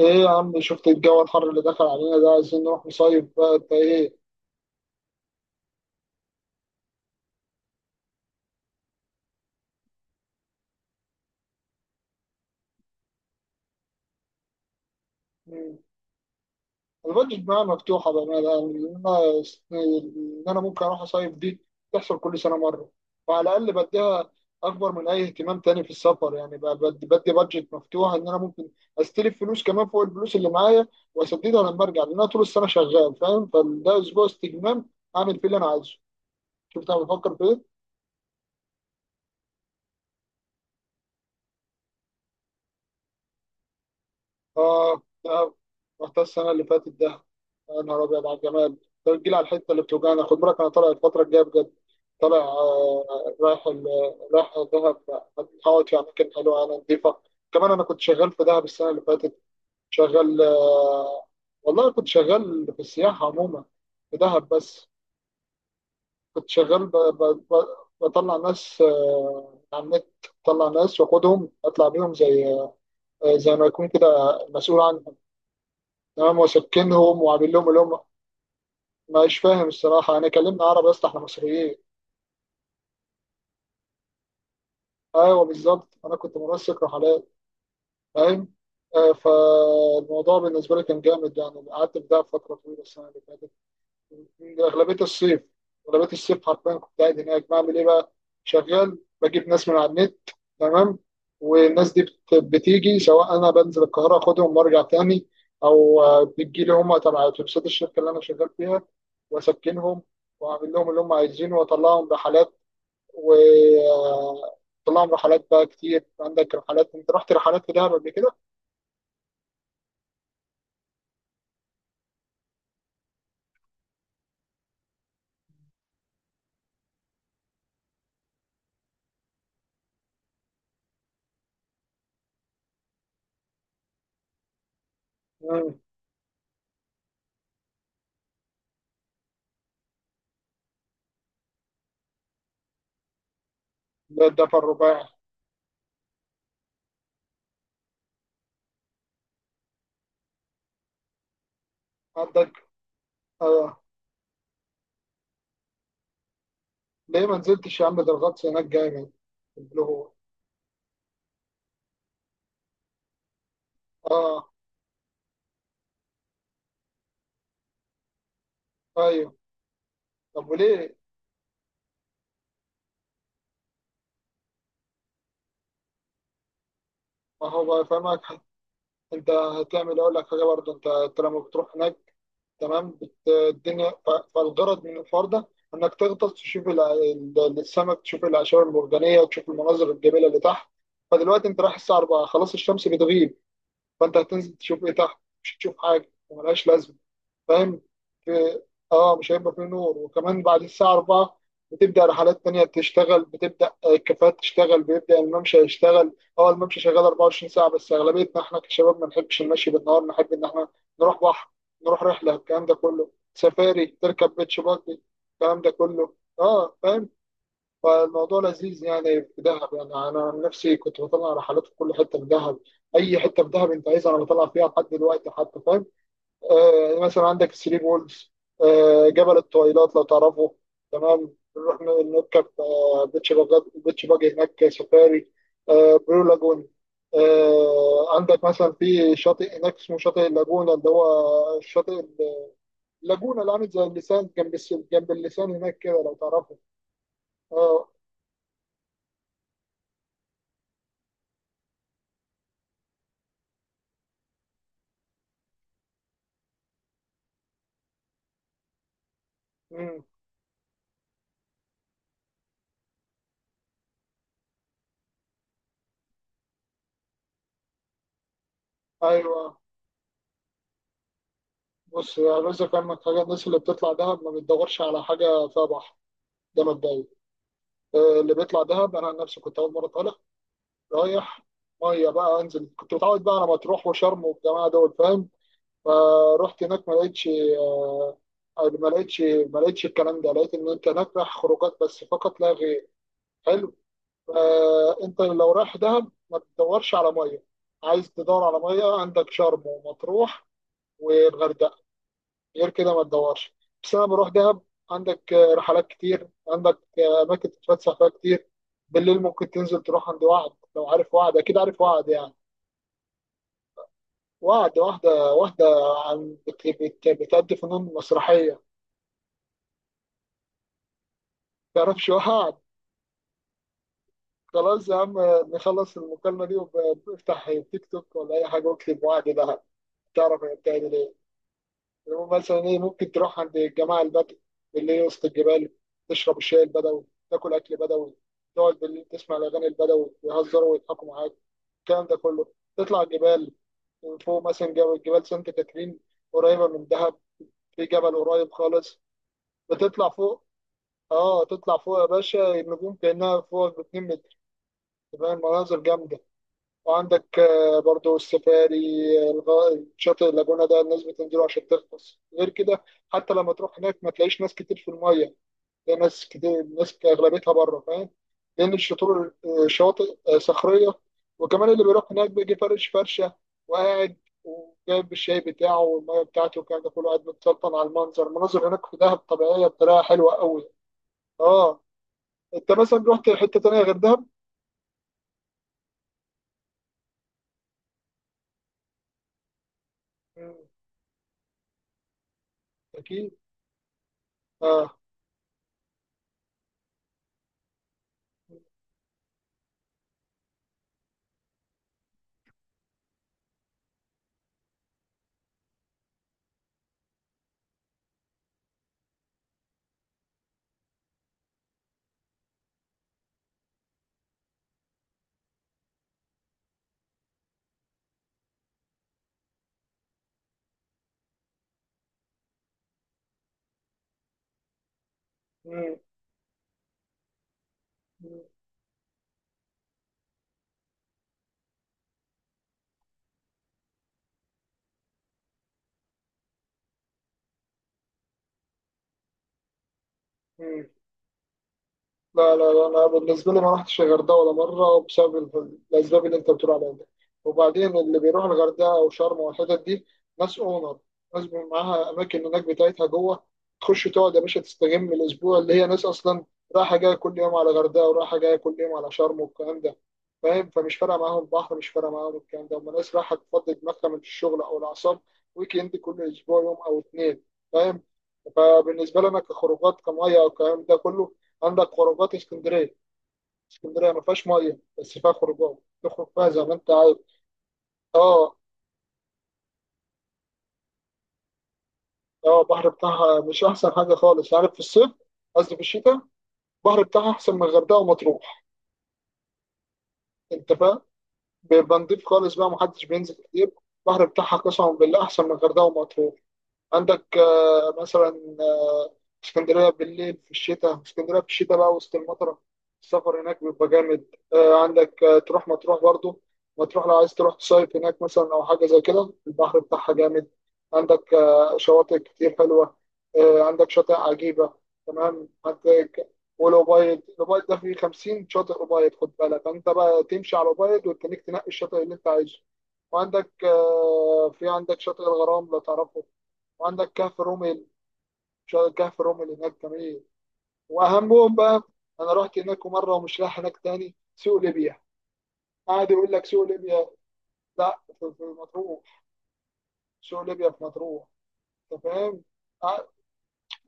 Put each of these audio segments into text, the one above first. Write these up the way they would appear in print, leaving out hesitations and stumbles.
ايه يا عم، شفت الجو الحر اللي دخل علينا ده؟ عايزين نروح نصيف بقى، انت ايه؟ مم. انا البادجت معايا مفتوحه بقى، يعني ان انا ان انا ممكن اروح اصيف. دي تحصل كل سنه مره، وعلى الاقل بديها اكبر من اي اهتمام تاني في السفر، يعني بقى بدي بادجت مفتوحه، ان انا ممكن استلف فلوس كمان فوق الفلوس اللي معايا، واسددها لما ارجع، لان انا طول السنه شغال، فاهم؟ فده اسبوع استجمام اعمل فيه اللي انا عايزه. شفت انا بفكر في ايه؟ اه، ده رحت السنه اللي فاتت ده، يا نهار ابيض على الجمال. طب تجيلي على الحته اللي بتوجعني، خد بالك انا طالع الفتره الجايه بجد. طالع، رايح دهب، هقعد في اماكن حلوه انا، نظيفه. كمان انا كنت شغال في دهب السنه اللي فاتت. شغال، والله كنت شغال في السياحه عموما، في دهب بس. كنت شغال ب... بطلع ناس على النت. بطلع ناس واخدهم اطلع بيهم زي، زي ما يكون كده مسؤول عنهم، تمام؟ وسكنهم وعامل لهم اللي هم. مش فاهم الصراحة، أنا كلمنا عربي يا اسطى، إحنا مصريين. أيوه بالظبط، أنا كنت منسق رحلات، فاهم؟ فالموضوع بالنسبة لي كان جامد، يعني قعدت في دهب فترة طويلة السنة اللي فاتت. أغلبية الصيف أغلبية الصيف حرفيا كنت قاعد هناك، بعمل إيه بقى؟ شغال بجيب ناس من على النت، تمام. والناس دي بتيجي، سواء أنا بنزل القاهرة أخدهم وأرجع تاني، أو بتجيلي هم تبع أتوبيسات الشركة اللي أنا شغال فيها، وأسكنهم، واعمل لهم اللي هم عايزينه، واطلعهم رحلات. وطلعهم رحلات بقى كتير، عندك رحلات انت؟ رحت رحلات في دهب قبل كده؟ مم. ده الدفع الرباعي. عندك، اه. ليه ما نزلتش يا عم؟ ده الغطس هناك جامد، اللي هو، اه، ايوه. طب وليه؟ ما هو بقى فاهمك، انت هتعمل، اقول لك حاجه برضه، انت لما بتروح هناك، تمام. الدنيا، فالغرض من الحوار ده انك تغطس، تشوف السمك، تشوف الاعشاب المرجانيه، وتشوف المناظر الجميله اللي تحت. فدلوقتي انت رايح الساعه 4، خلاص الشمس بتغيب، فانت هتنزل تشوف ايه تحت؟ مش هتشوف حاجه، وملهاش لازمه، فاهم؟ في- اه، مش هيبقى فيه نور. وكمان بعد الساعه 4 بتبدا رحلات تانية تشتغل، بتبدا الكافيهات تشتغل، بيبدا الممشى يشتغل. اه، الممشى شغال 24 ساعه، بس اغلبيتنا احنا كشباب ما نحبش المشي بالنهار، نحب ان احنا نروح بحر، نروح رحله، الكلام ده كله سفاري، تركب بيتش باجي، الكلام ده كله. اه، فاهم. فالموضوع لذيذ يعني، في دهب. يعني انا عن نفسي كنت بطلع رحلات في كل حته في دهب. اي حته في دهب انت عايزها انا بطلع فيها لحد دلوقتي حتى، فاهم؟ آه، مثلا عندك الثري بولز، آه، جبل الطويلات لو تعرفه. تمام، نروح نركب بيتش باجي، بيتش باجي هناك سفاري. آه، برو لاجون. آه، عندك مثلا في شاطئ هناك اسمه شاطئ اللاجونة، اللي هو الشاطئ اللاجونة اللي عامل زي اللسان، جنب اللسان هناك كده لو تعرفه. اه، مم. ايوه. بص يا رزق، فاهمك حاجة، الناس اللي بتطلع دهب ما بتدورش على حاجة فيها بحر، ده مبدئيا. اللي بيطلع دهب أنا عن نفسي كنت أول مرة طالع، رايح، مية بقى أنزل، كنت متعود بقى على مطروح وشرم والجماعة دول، فاهم. فروحت هناك ما لقيتش الكلام ده، لقيت إن أنت هناك رايح خروجات بس، فقط لا غير. حلو. فأنت لو رايح دهب ما بتدورش على مية، عايز تدور على مية عندك شرم ومطروح والغردقة، غير كده ما تدورش. بس انا بروح دهب، عندك رحلات كتير، عندك اماكن تتفسح فيها كتير. بالليل ممكن تنزل تروح عند وعد، لو عارف وعد، اكيد عارف وعد يعني. وعد، واحده واحده، عن بتأدي فنون مسرحيه. تعرفش وعد؟ خلاص يا عم، نخلص المكالمه دي وافتح تيك توك ولا اي حاجه واكتب وعد دهب، تعرف هي بتعمل ايه. اللي هو مثلا ايه، ممكن تروح عند الجماعه البدو اللي هي وسط الجبال، تشرب الشاي البدوي، تاكل اكل بدوي، تقعد بالليل تسمع الاغاني البدوي، يهزروا ويضحكوا معاك، الكلام ده كله. تطلع جبال، من فوق مثلا جبال سانت كاترين، قريبه من دهب، في جبل قريب خالص. بتطلع فوق، اه تطلع فوق يا باشا، النجوم كانها فوق ب 2 متر، تبقى المناظر جامده. وعندك برضو السفاري. شاطئ اللاجونة ده الناس بتنزله عشان تغطس، غير كده. حتى لما تروح هناك ما تلاقيش ناس كتير في المية، تلاقي ناس كتير، ناس أغلبيتها بره، فاهم؟ لأن الشطور، شواطئ صخرية، وكمان اللي بيروح هناك بيجي فرش فرشة وقاعد، وجايب الشاي بتاعه والمية بتاعته والكلام ده كله، قاعد متسلطن على المنظر. المناظر هناك في دهب طبيعية بطريقة حلوة قوي. اه، انت مثلا رحت حتة تانية غير دهب؟ مم، أكيد، اه، مم، مم، مم. لا لا لا، انا بالنسبه لي ما رحتش الغردقه ولا مره، بسبب الاسباب اللي انت بتقول عليها دي. وبعدين اللي بيروح الغردقه او شرم والحتت دي، ناس اونر، ناس بيبقى معاها اماكن هناك بتاعتها جوه، تخش تقعد يا باشا تستجم الاسبوع، اللي هي ناس اصلا رايحه جايه كل يوم على الغردقه، ورايحه جايه كل يوم على شرم والكلام ده، فاهم. فمش فارقه معاهم البحر، مش فارقه معاهم الكلام ده، هم ناس رايحه تفضي دماغها من الشغل او الاعصاب، ويك اند كل اسبوع يوم او اتنين، فاهم. فبالنسبه لنا كخروجات كميه والكلام ده كله، عندك خروجات اسكندريه. اسكندريه ما فيهاش ميه، بس فيها خروجات تخرج فيها زي ما انت عايز. اه، اه، البحر بتاعها مش احسن حاجه خالص، عارف، في الصيف. قصدي في الشتاء البحر بتاعها احسن من الغردقه ومطروح، انت فاهم، بيبقى نضيف خالص بقى، محدش بينزل كتير. البحر بتاعها قسما بالله احسن من الغردقه ومطروح. عندك مثلا، آه، اسكندرية بالليل في الشتاء، اسكندرية في الشتاء بقى وسط المطرة، السفر هناك بيبقى جامد. عندك تروح مطروح برضو، مطروح لو عايز تروح تصيف هناك مثلا أو حاجة زي كده، البحر بتاعها جامد. عندك شواطئ كتير حلوة، عندك شاطئ عجيبة، تمام. عندك الأوبايد ده فيه 50 شاطئ أوبايد، خد بالك أنت بقى تمشي على الأوبايد وتخليك تنقي الشاطئ اللي أنت عايزه. وعندك آه، في عندك شاطئ الغرام لو تعرفه، وعندك كهف رومل، شاطئ كهف رومل هناك جميل، واهمهم بقى. انا رحت هناك مره ومش رايح هناك تاني، سوق ليبيا، قاعد يقول لك سوق ليبيا. لا، في مطروح، سوق ليبيا في مطروح، انت فاهم. قاعد-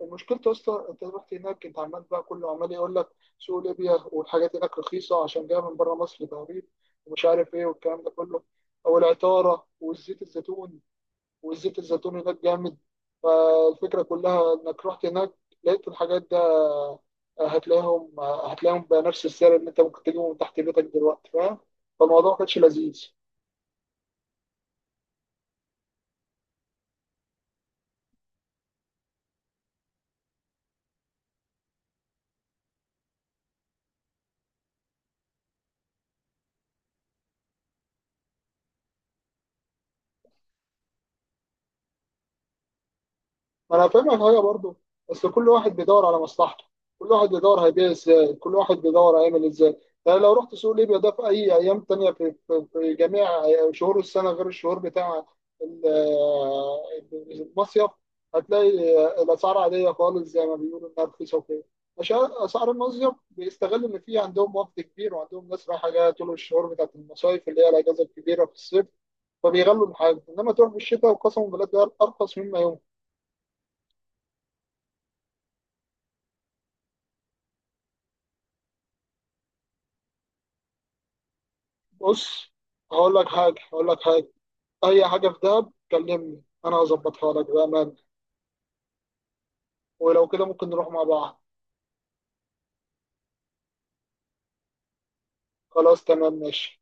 المشكلة يا اسطى، انت رحت هناك انت عمال بقى، كله عمال يقول لك سوق ليبيا والحاجات هناك رخيصة عشان جاية من بره مصر تقريبا، ومش عارف ايه والكلام ده كله، او العطارة، والزيت الزيتون، والزيت الزيتون هناك جامد. فالفكرة كلها انك رحت هناك لقيت الحاجات دي، هتلاقيهم بنفس السعر اللي انت ممكن تجيبه من تحت بيتك دلوقتي، فاهم. فالموضوع ما كانش لذيذ. ما انا فاهمك حاجه برضو، بس كل واحد بيدور على مصلحته، كل واحد بيدور هيبيع ازاي، كل واحد بيدور هيعمل ازاي. يعني لو رحت سوق ليبيا ده في اي ايام تانية، في جميع شهور السنه غير الشهور بتاع ال- المصيف، هتلاقي الاسعار عاديه خالص زي ما بيقولوا انها رخيصه وكده. عشان اسعار المصيف بيستغل ان في عندهم وقت كبير، وعندهم ناس رايحه جايه طول الشهور بتاعت المصايف، اللي هي الاجازه الكبيره في الصيف، فبيغلوا الحاجه. انما تروح في الشتاء وقسما بالله ده ارخص مما يوم. بص، هقول لك حاجة هقول لك حاجة، أي حاجة في دهب كلمني أنا هظبطها لك بأمان، ولو كده ممكن نروح مع بعض. خلاص تمام ماشي.